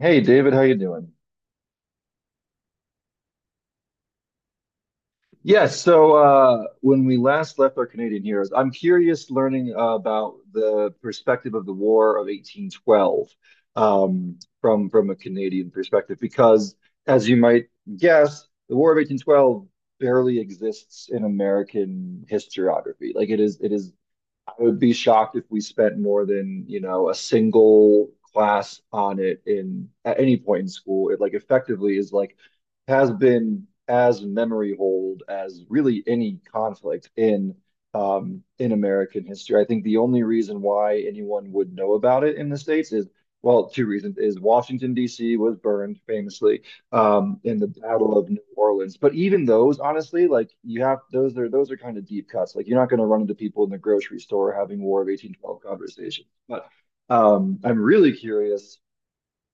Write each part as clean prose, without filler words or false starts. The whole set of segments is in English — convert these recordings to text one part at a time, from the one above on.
Hey David, how you doing? When we last left our Canadian heroes, I'm curious learning about the perspective of the War of 1812, from a Canadian perspective, because as you might guess, the War of 1812 barely exists in American historiography. It is I would be shocked if we spent more than, you know, a single class on it in at any point in school. It like effectively is like has been as memory hold as really any conflict in American history. I think the only reason why anyone would know about it in the States is, well, two reasons is Washington, D.C. was burned famously, in the Battle of New Orleans. But even those, honestly, like you have, those are kind of deep cuts. Like you're not going to run into people in the grocery store having War of 1812 conversations. But I'm really curious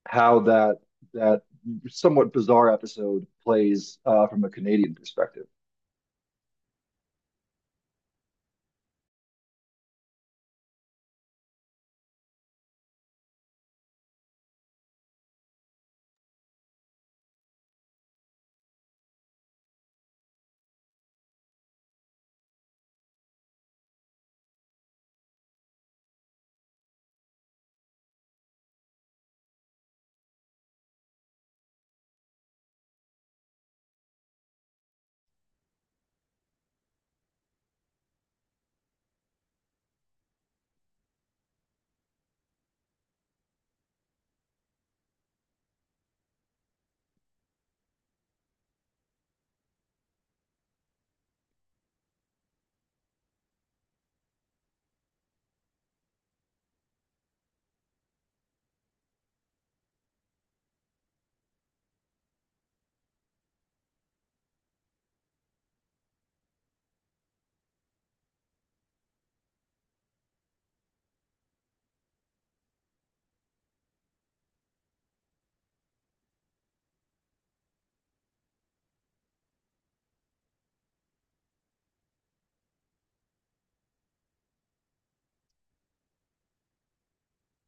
how that somewhat bizarre episode plays, from a Canadian perspective.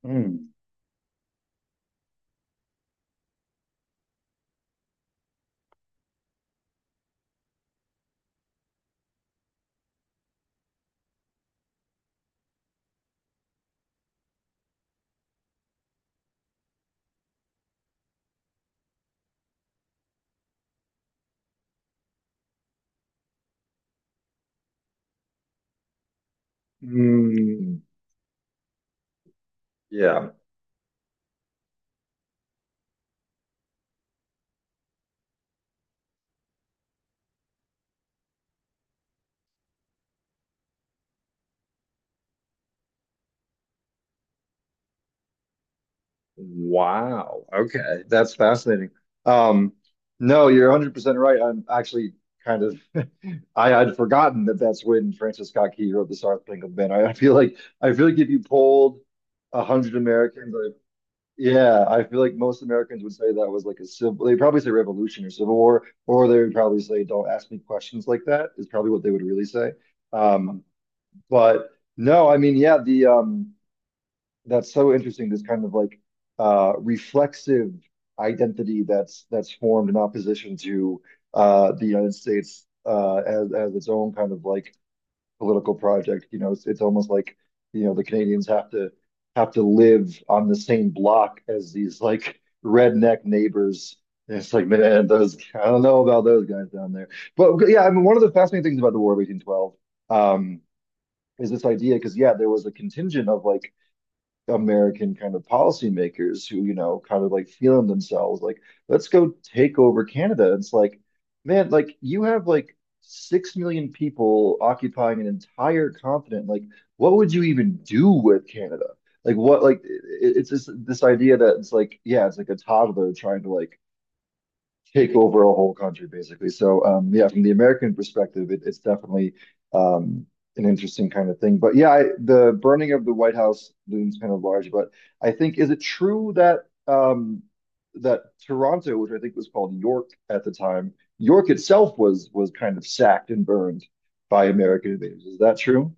Mm. Mm, yeah. Wow. Okay. That's fascinating. Um, no, you're 100% right. I'm actually kind of, I had forgotten that that's when Francis Scott Key wrote the Star Spangled Banner. I feel like, I feel like if you polled 100 Americans, yeah, I feel like most Americans would say that was like a civil, they probably say revolution or civil war, or they would probably say, don't ask me questions like that, is probably what they would really say. Um, but no, I mean, that's so interesting, this kind of like reflexive identity that's formed in opposition to the United States, as its own kind of like political project. You know, it's almost like, you know, the Canadians have to live on the same block as these like redneck neighbors. And it's like, man, those, I don't know about those guys down there. But yeah, I mean, one of the fascinating things about the War of 1812, um is this idea, because yeah, there was a contingent of like American kind of policymakers who, you know, kind of like feeling themselves like, let's go take over Canada. It's like, man, like you have like 6 million people occupying an entire continent. Like, what would you even do with Canada? Like, what, like, it's just this idea that it's like, yeah, it's like a toddler trying to like take over a whole country, basically. So, yeah, from the American perspective, it's definitely um, an interesting kind of thing. But yeah, the burning of the White House looms kind of large. But I think, is it true that that Toronto, which I think was called York at the time, York itself was kind of sacked and burned by American invaders? Is that true?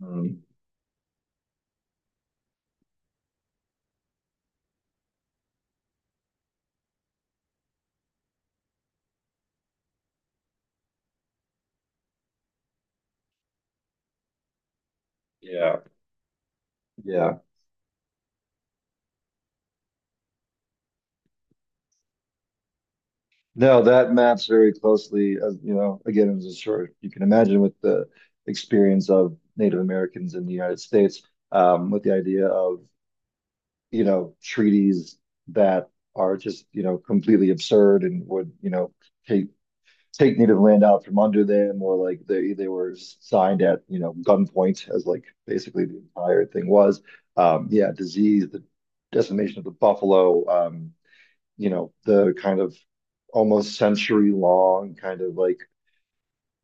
Mm, yeah. Yeah. No, that maps very closely, as you know, again, as I'm sure you can imagine, with the experience of Native Americans in the United States, with the idea of, you know, treaties that are just, you know, completely absurd and would, you know, take take Native land out from under them, or like they were signed at, you know, gunpoint, as like basically the entire thing was. Yeah, disease, the decimation of the buffalo, you know, the kind of almost century long kind of like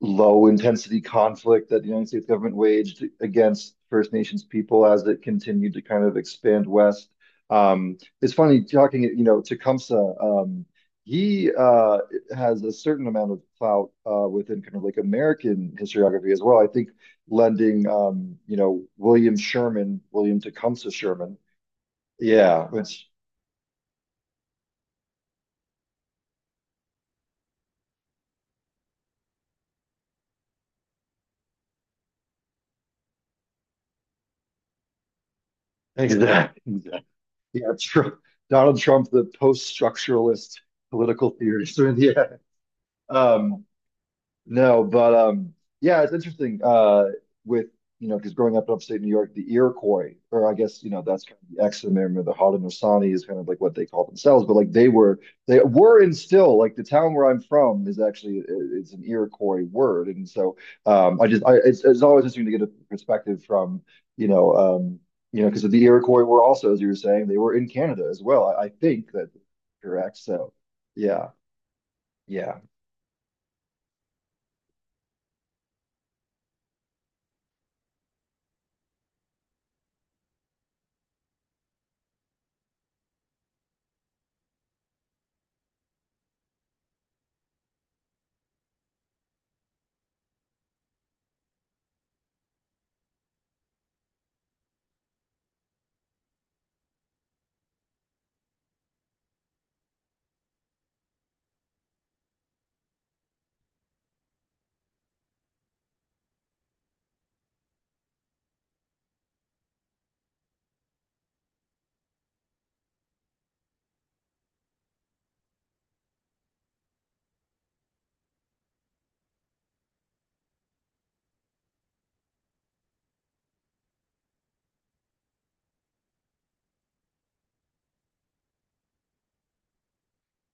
low intensity conflict that the United States government waged against First Nations people as it continued to kind of expand west. It's funny talking, you know, Tecumseh, he has a certain amount of clout, within kind of like American historiography as well. I think lending, you know, William Sherman, William Tecumseh Sherman. Yeah, which exactly. Yeah, Trump, Donald Trump, the post-structuralist political theorist. Yeah. Um, no, but Yeah, it's interesting. With you know, because growing up in upstate New York, the Iroquois, or I guess, you know, that's kind of the ex-member, of the Haudenosaunee is kind of like what they call themselves, but like they were and still, like, the town where I'm from is actually it's an Iroquois word, and so, I just, I it's always interesting to get a perspective from, you know um you know, because the Iroquois were also, as you were saying, they were in Canada as well. I think that correct. So yeah, yeah.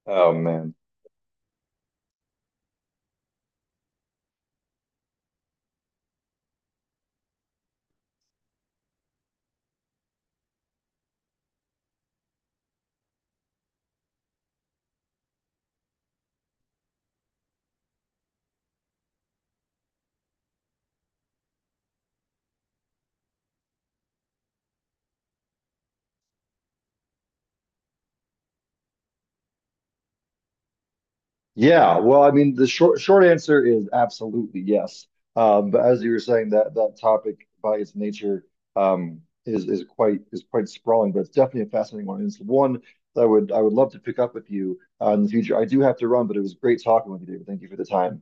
Oh man. Yeah, well, I mean, the short answer is absolutely yes. But as you were saying, that that topic by its nature is quite, is quite sprawling, but it's definitely a fascinating one. And it's one that I would love to pick up with you, in the future. I do have to run, but it was great talking with you, David. Thank you for the time.